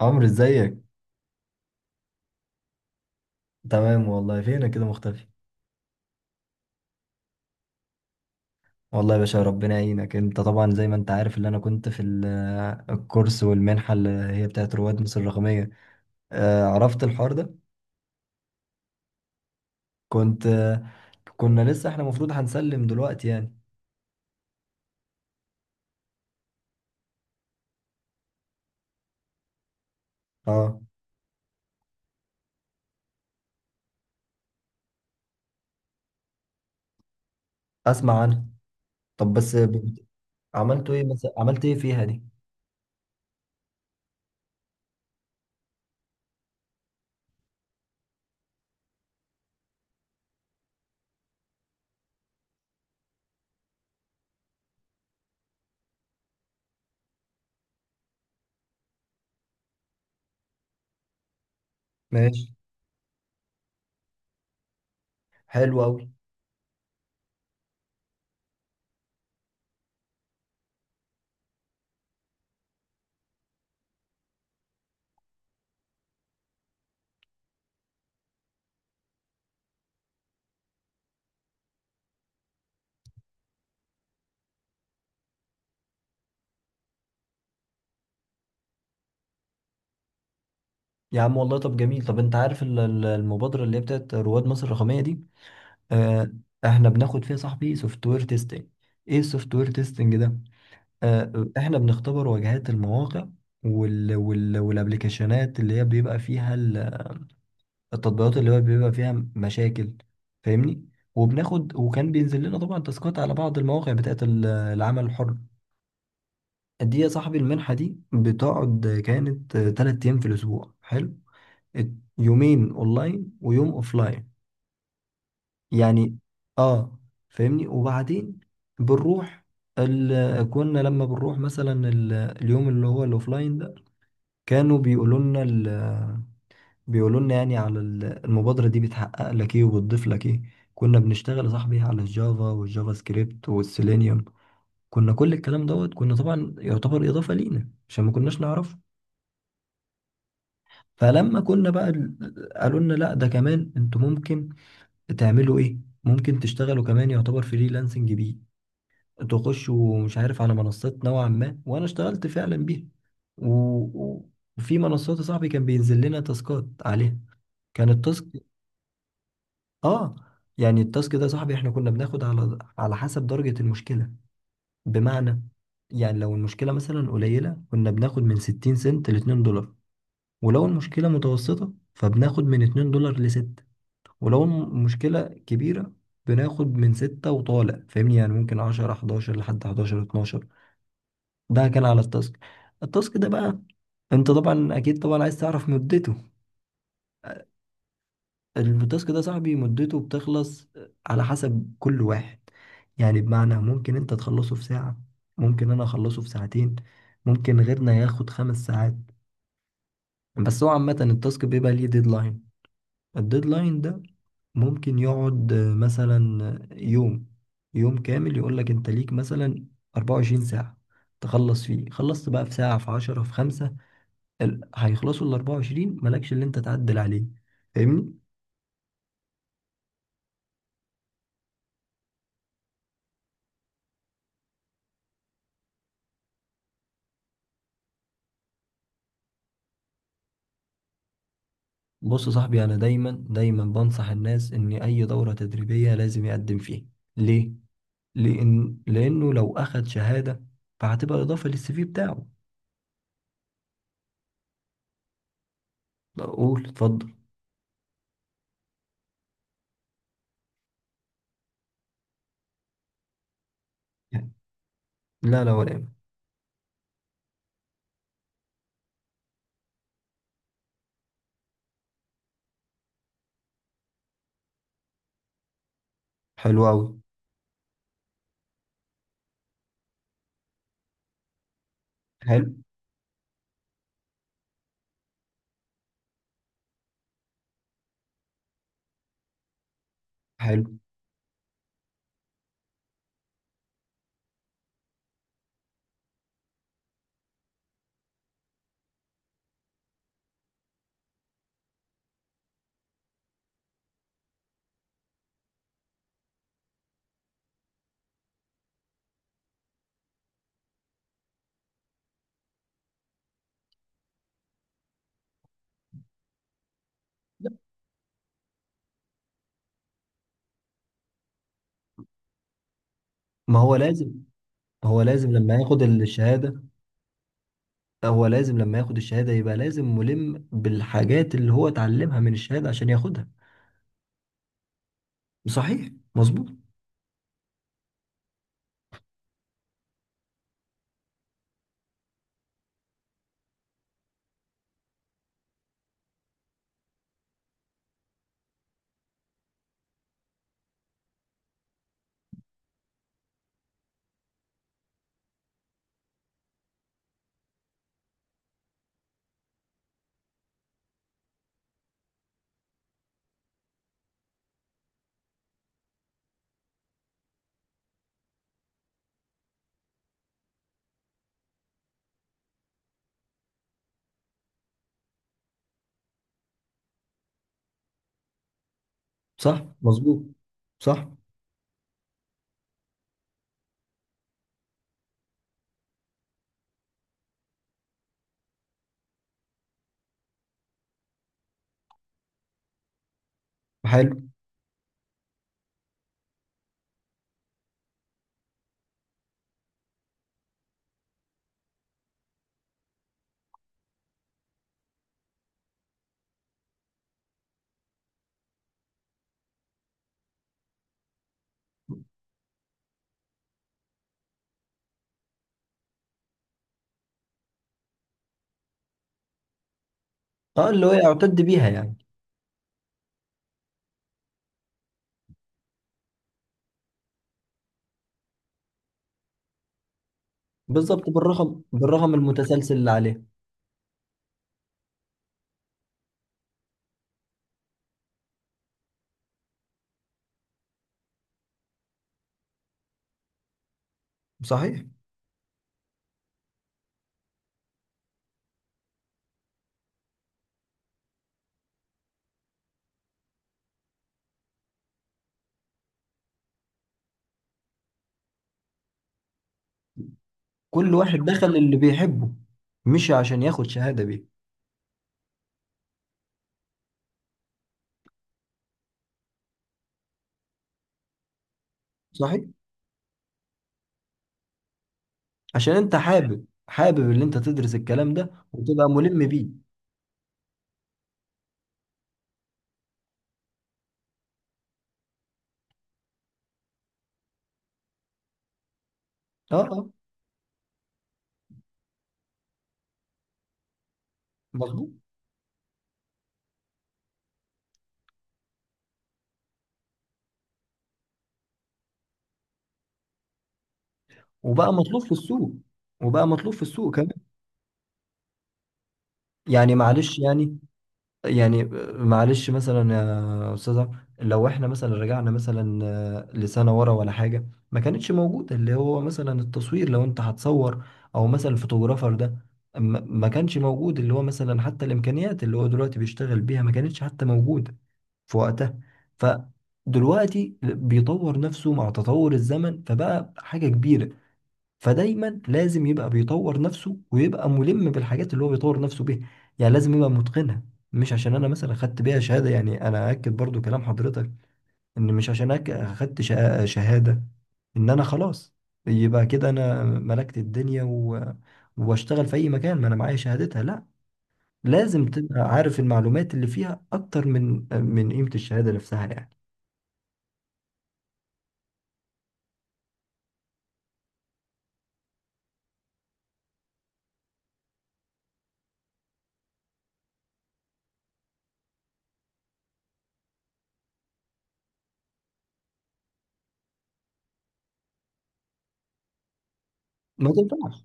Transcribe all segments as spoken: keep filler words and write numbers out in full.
عمرو، ازيك؟ تمام والله. فينك كده مختفي؟ والله يا باشا ربنا يعينك. انت طبعا زي ما انت عارف اللي انا كنت في ال- آه، الكورس والمنحه اللي هي بتاعت رواد مصر الرقميه. آه، عرفت الحوار ده؟ كنت، آه، كنا لسه احنا المفروض هنسلم دلوقتي يعني. اه، اسمع عنها. طب بس ب- عملتوا ايه؟ مثلا عملت ايه فيها دي؟ ماشي. حلو قوي. يا عم والله، طب جميل. طب انت عارف ال- ال- المبادره اللي هي بتاعت رواد مصر الرقميه دي؟ آه، احنا بناخد فيها صاحبي سوفت وير تيستنج. ايه السوفت وير تيستنج ده؟ آه، احنا بنختبر واجهات المواقع وال وال والابلكيشنات اللي هي بيبقى فيها ال- التطبيقات اللي هو بيبقى فيها مشاكل، فاهمني؟ وبناخد، وكان بينزل لنا طبعا تاسكات على بعض المواقع بتاعت ال- العمل الحر. دي يا صاحبي المنحة دي بتقعد، كانت آه، تلات ايام في الاسبوع. حلو. ات- يومين اونلاين ويوم اوفلاين يعني. اه، فاهمني؟ وبعدين بنروح ال... كنا لما بنروح مثلا ال... اليوم اللي هو الاوفلاين ده كانوا بيقولوا لنا ال... بيقولوا لنا يعني على ال- المبادرة دي بتحقق لك ايه وبتضيف لك ايه. كنا بنشتغل يا صاحبي على الجافا والجافا سكريبت والسيلينيوم. كنا كل الكلام دوت، كنا طبعا يعتبر إضافة لينا عشان ما كناش نعرفه. فلما كنا بقى ال- قالوا لنا لا ده كمان انتوا ممكن تعملوا ايه، ممكن تشتغلوا كمان يعتبر فريلانسنج بيه، تخشوا مش عارف على منصات نوعا ما، وانا اشتغلت فعلا بيها. و... و- وفي منصات يا صاحبي كان بينزل لنا تاسكات عليها. كان التاسك، اه، يعني التاسك ده يا صاحبي احنا كنا بناخد على على حسب درجة المشكلة. بمعنى، يعني لو المشكلة مثلا قليلة كنا بناخد من 60 سنت ل اتنين دولار. ولو المشكلة متوسطة فبناخد من اتنين دولار ل ستة. ولو المشكلة كبيرة بناخد من ستة وطالع، فاهمني؟ يعني ممكن عشرة حداشر لحد حداشر اتناشر. ده كان على التاسك. التاسك ده بقى، انت طبعا اكيد طبعا عايز تعرف مدته. التاسك ده صاحبي مدته بتخلص على حسب كل واحد. يعني بمعنى ممكن انت تخلصه في ساعة، ممكن انا اخلصه في ساعتين، ممكن غيرنا ياخد خمس ساعات. بس هو عامة التاسك بيبقى ليه ديدلاين. الديدلاين ده ممكن يقعد آه، مثلا يوم، يوم كامل يقولك انت ليك مثلا اربعة وعشرين ساعة تخلص فيه. خلصت بقى في ساعة، في عشرة، في خمسة، ال- هيخلصوا ال اربعة وعشرين، مالكش اللي انت تعدل عليه، فاهمني؟ بص يا صاحبي، انا دايما دايما بنصح الناس ان اي دورة تدريبية لازم يقدم فيها. ليه؟ لان لانه لو اخد شهادة فهتبقى اضافة للسي في بتاعه. لا، قول اتفضل. لا لا، ولا يهمك. حلو قوي. حلو. حلو. ما هو لازم. هو لازم لما ياخد الشهادة، هو لازم لما ياخد الشهادة يبقى لازم ملم بالحاجات اللي هو اتعلمها من الشهادة عشان ياخدها. صحيح، مظبوط. صح، مظبوط. صح. حلو. اه، اللي هو يعتد بيها يعني. بالظبط، بالرقم، بالرقم المتسلسل اللي عليه. صحيح. كل واحد دخل اللي بيحبه، مش عشان ياخد شهادة بيه. صحيح. عشان انت حابب، حابب اللي انت تدرس الكلام ده وتبقى ملم بيه. اه، اه، مظبوط. وبقى مطلوب في السوق. وبقى مطلوب في السوق كمان. يعني معلش، يعني، يعني معلش مثلا يا استاذه، لو احنا مثلا رجعنا مثلا آه، لسنه ورا ولا حاجه، ما كانتش موجوده اللي هو مثلا التصوير. لو انت هتصور او مثلا الفوتوغرافر ده، ما ما كانش موجود اللي هو، مثلا حتى الامكانيات اللي هو دلوقتي بيشتغل بيها ما كانتش حتى موجوده في وقتها. فدلوقتي بيطور نفسه مع تطور الزمن، فبقى حاجه كبيره. فدايما لازم يبقى بيطور نفسه ويبقى ملم بالحاجات اللي هو بيطور نفسه بيها، يعني لازم يبقى متقنها. مش عشان انا مثلا خدت بيها شهادة. يعني انا اكد برضو كلام حضرتك، ان مش عشان أك- اخدت شا- شهادة ان انا خلاص، يبقى كده انا ملكت الدنيا و... واشتغل في اي مكان ما انا معايا شهادتها. لا، لازم تبقى عارف المعلومات اللي فيها اكتر من من قيمة الشهادة نفسها يعني. ما تنفعش.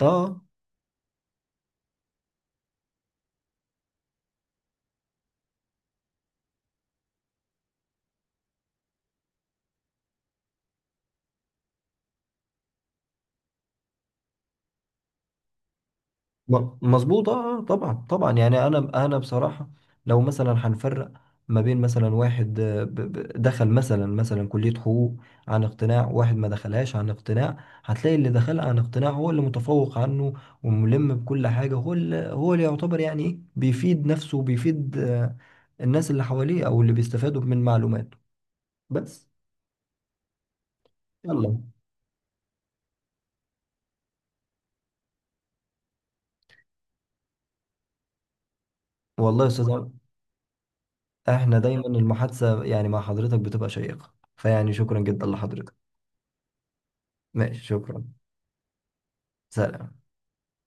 اه. م- مظبوط. اه، آه، طبعا، طبعا. يعني انا انا بصراحه لو مثلا هنفرق ما بين مثلا واحد آه، ب- ب- دخل مثلا مثلا كليه حقوق عن اقتناع، واحد ما دخلهاش عن اقتناع، هتلاقي اللي دخل عن اقتناع هو اللي متفوق عنه وملم بكل حاجه. هو اللي هو اللي يعتبر يعني ايه، بيفيد نفسه وبيفيد، آه، الناس اللي حواليه او اللي بيستفادوا من معلوماته. بس. يلا. والله يا استاذ عمرو، احنا دايما المحادثه يعني مع حضرتك بتبقى شيقه، فيعني شكرا جدا لحضرتك. ماشي، شكرا. سلام.